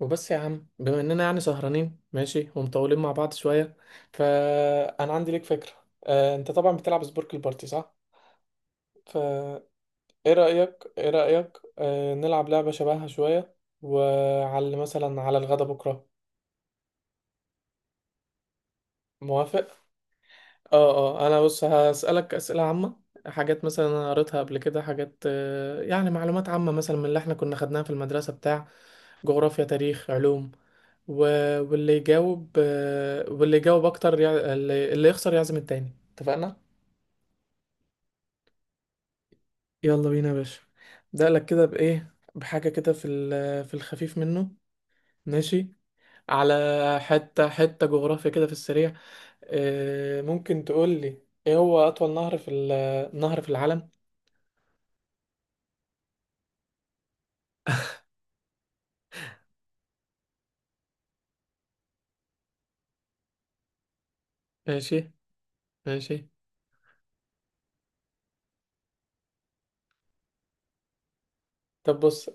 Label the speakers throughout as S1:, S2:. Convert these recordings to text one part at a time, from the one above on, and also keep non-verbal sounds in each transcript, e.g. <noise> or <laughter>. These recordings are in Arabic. S1: وبس يا عم، بما اننا يعني سهرانين ماشي ومطولين مع بعض شويه، فانا عندي ليك فكره. انت طبعا بتلعب سبورك البارتي، صح؟ فايه رايك؟ ايه رايك نلعب لعبه شبهها شويه، وعلى مثلا على الغدا بكره؟ موافق. اه انا بص هسألك أسئلة عامة. حاجات مثلا انا قريتها قبل كده، حاجات يعني معلومات عامة مثلا من اللي احنا كنا خدناها في المدرسة بتاع جغرافيا، تاريخ، علوم و... واللي يجاوب اكتر اللي يخسر يعزم التاني، اتفقنا؟ يلا بينا يا باشا. ده لك كده بايه، بحاجة كده في في الخفيف منه. ماشي. على حتة حتة جغرافيا كده في السريع. ممكن تقول لي ايه هو اطول نهر في نهر في العالم؟ ماشي ماشي. طب بص.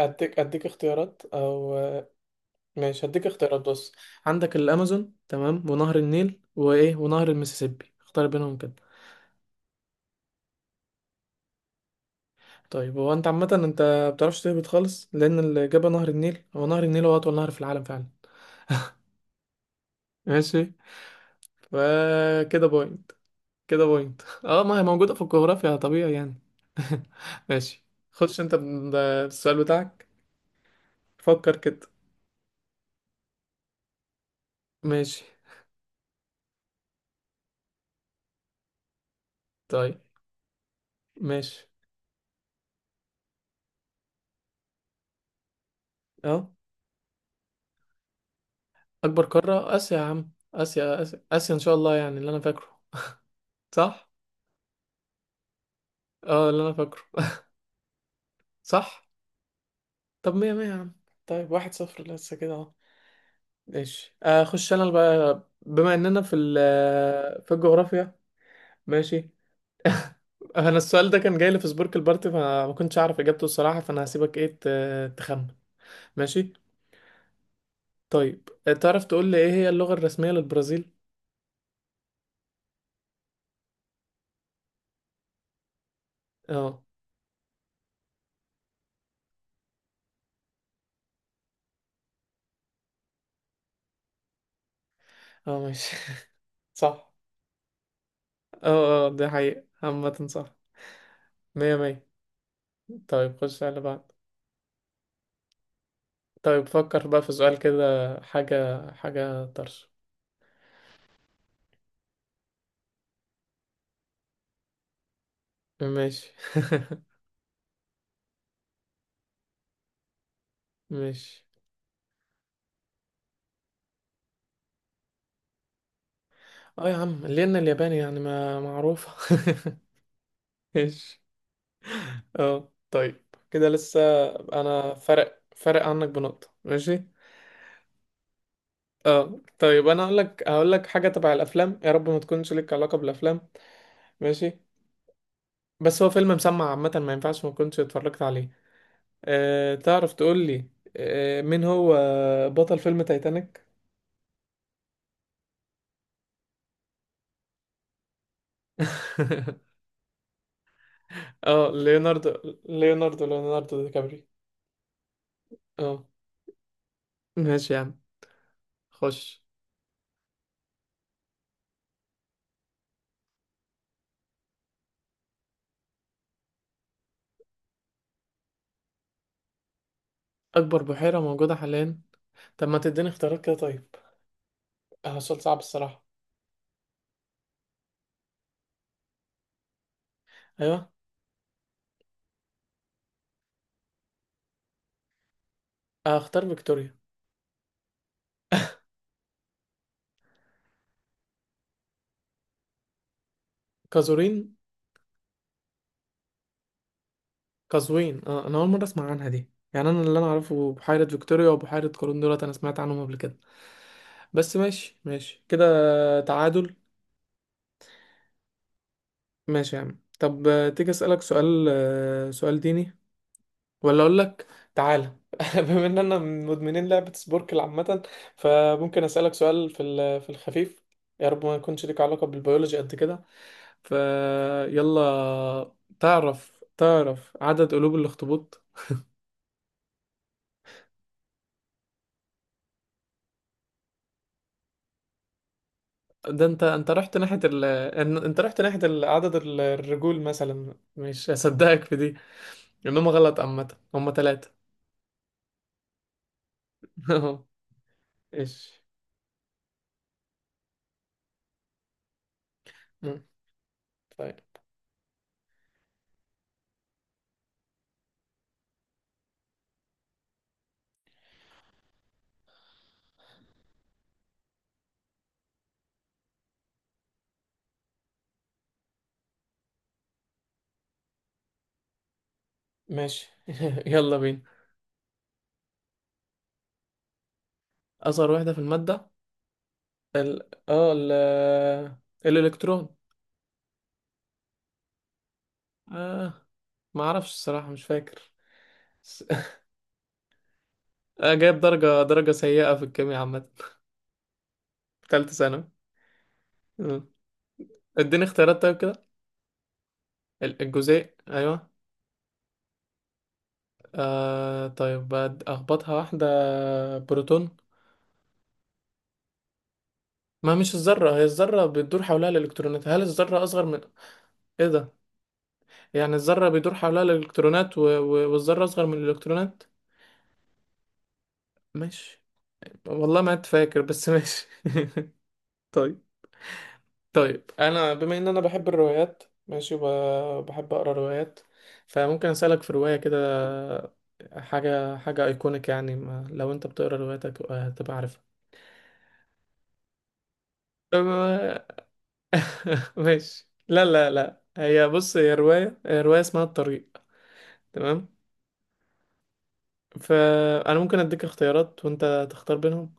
S1: اديك اختيارات، او ماشي هديك اختيارات، بص. عندك الامازون، تمام، ونهر النيل وايه، ونهر المسيسيبي. اختار بينهم كده. طيب هو انت عامه، انت بتعرفش تهبط خالص. لان الاجابه نهر النيل. هو نهر النيل هو اطول نهر في العالم فعلا. ماشي. فكده بوينت. كده بوينت. <laughs> اه، ما هي موجوده في الجغرافيا طبيعي يعني. <laughs> ماشي. بالسؤال بتاعك. فكر كده. ماشي طيب. ماشي. اه. اكبر قارة اسيا يا عم. اسيا. آسيا ان شاء الله، يعني اللي انا فاكره. صح؟ اه، اللي انا فاكره. صح. طب مية مية يا عم. طيب واحد صفر لسه كده اهو. ماشي اخش انا بقى، بما اننا في في الجغرافيا. ماشي. انا السؤال ده كان جاي لي في سبورك البارتي فما كنتش اعرف اجابته الصراحة. فانا هسيبك ايه تخمن. ماشي طيب. تعرف تقول لي ايه هي اللغة الرسمية للبرازيل؟ اه اه ماشي. <laughs> صح. اه اه، ده حقيقة عامة. صح. مية مية. طيب خش على اللي بعد. طيب فكر بقى في سؤال كده، حاجة حاجة طرش. ماشي. <laughs> ماشي. اه يا عم، لأن الياباني يعني ما معروفة. <laughs> ماشي. اه طيب. كده لسه. أنا فرق عنك بنقطة، ماشي. اه طيب، أنا هقول لك حاجة تبع الأفلام. يا رب ما تكونش لك علاقة بالأفلام. ماشي. بس هو فيلم مسمع عامة، ما ينفعش ما كنتش اتفرجت عليه. أه، تعرف تقول لي، أه مين هو بطل فيلم تايتانيك؟ <laughs> اه، ليوناردو. ليوناردو دي كابري. اه ماشي يا عم. خش. اكبر بحيرة موجودة حاليا. طب ما تديني اختيارات كده طيب. اه، سؤال صعب الصراحة. ايوه. اختار فيكتوريا. قزورين. قزوين. اه، انا اول مرة اسمع عنها دي يعني. انا اللي انا اعرفه بحيرة فيكتوريا وبحيرة قارون. دولت انا سمعت عنهم قبل كده. بس ماشي ماشي كده. تعادل. ماشي يا عم. طب تيجي اسألك سؤال، سؤال ديني ولا اقول لك؟ تعالى. <laughs> بما ان انا من مدمنين لعبة سبوركل عامة، فممكن اسألك سؤال في في الخفيف. يا رب ما يكونش ليك علاقة بالبيولوجي قد كده. فيلا. تعرف عدد قلوب الاخطبوط؟ ده انت رحت ناحية انت رحت ناحية عدد الرجول مثلا. مش هصدقك في دي انهم غلط. عامة هم ثلاثة. <laughs> ايش. مم. طيب. ماشي <laughs> يلا بينا. اصغر واحدة في المادة، ال اه الالكترون. اه، ما اعرفش الصراحة، مش فاكر. <laughs> بس- آه، جايب درجة سيئة في الكيمياء عامة في تالتة ثانوي. آه. اديني اختيارات طيب كده. الجزيء، ايوه. آه طيب اخبطها واحدة، بروتون. ما مش الذرة، هي الذرة بتدور حولها الالكترونات. هل الذرة اصغر من ايه ده؟ يعني الذرة بيدور حولها الالكترونات والذرة اصغر من الالكترونات. ماشي. والله ما كنت فاكر بس ماشي. <laughs> طيب. طيب انا بما ان انا بحب الروايات ماشي وبحب اقرا روايات، فممكن اسالك في روايه كده. حاجه حاجه ايكونيك يعني، ما لو انت بتقرا رواياتك هتبقى عارفها. أم- <laughs> ماشي. لا لا لا، هي بص، هي روايه اسمها الطريق. تمام. فانا ممكن اديك اختيارات وانت تختار بينهم.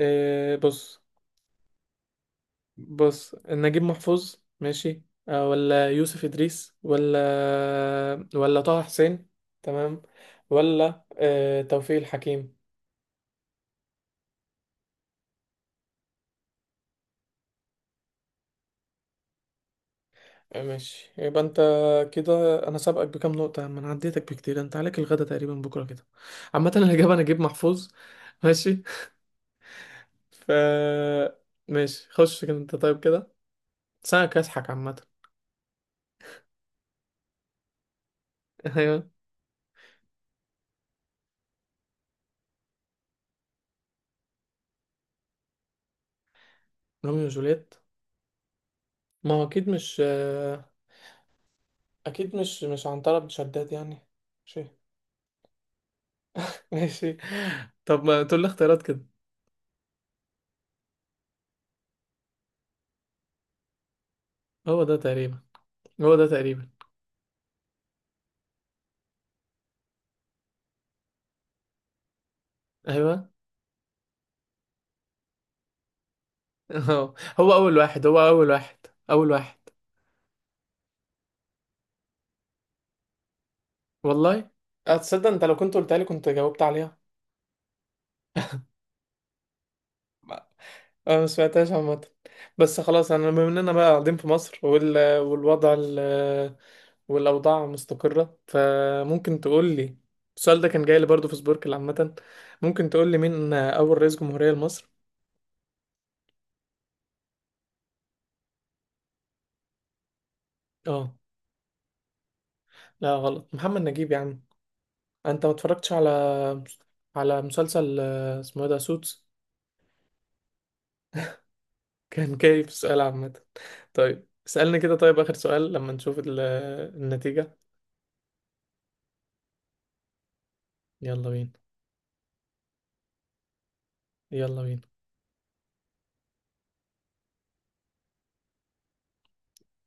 S1: إيه، بص. بص، نجيب محفوظ، ماشي، ولا يوسف إدريس، ولا طه حسين، تمام، ولا توفيق الحكيم؟ آه، ماشي. يبقى انت كده. انا سابقك بكام نقطة، ما انا عديتك بكتير. انت عليك الغدا تقريبا بكرة كده. عامة الإجابة نجيب محفوظ. <laughs> ماشي. ف ماشي. خش كده انت طيب كده. سنة كاسحك عامة. <laughs> ايوه. روميو وجوليت. ما هو اكيد مش اكيد مش، مش عنترة بن شداد يعني. ماشي. <laughs> ماشي. طب ما تقول لي اختيارات كده. هو ده تقريبا. هو ده تقريبا. ايوه. هو هو اول واحد. هو اول واحد. اول واحد. والله اتصدق انت، لو كنت قلت لي كنت جاوبت عليها. ما- انا ما سمعتهاش عامه. بس خلاص، انا بما اننا بقى قاعدين في مصر، والوضع والاوضاع مستقره، فممكن تقول لي. السؤال ده كان جاي لي برضه في سبوركل عامه. ممكن تقول لي مين اول رئيس جمهوريه لمصر؟ اه، لا غلط. محمد نجيب يا عم. انت ما اتفرجتش على، على مسلسل اسمه إيه ده سوتس؟ <laughs> كان كيف سؤال عامة. طيب اسألني كده طيب، آخر سؤال لما نشوف النتيجة. يلا بينا. يلا بينا.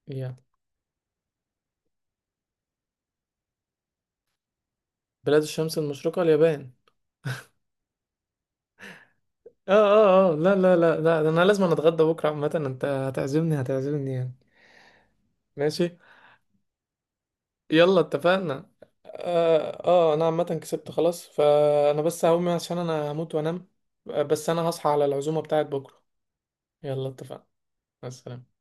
S1: يلا. بلاد الشمس المشرقة اليابان. اه اه اه لا لا لا لا، ده انا لازم أنا اتغدى بكرة عامة، انت هتعزمني هتعزمني يعني. ماشي. يلا اتفقنا. اه، آه انا عامة كسبت خلاص، فانا بس هقوم عشان انا هموت وانام. بس انا هصحى على العزومة بتاعت بكرة. يلا اتفقنا. مع السلامة.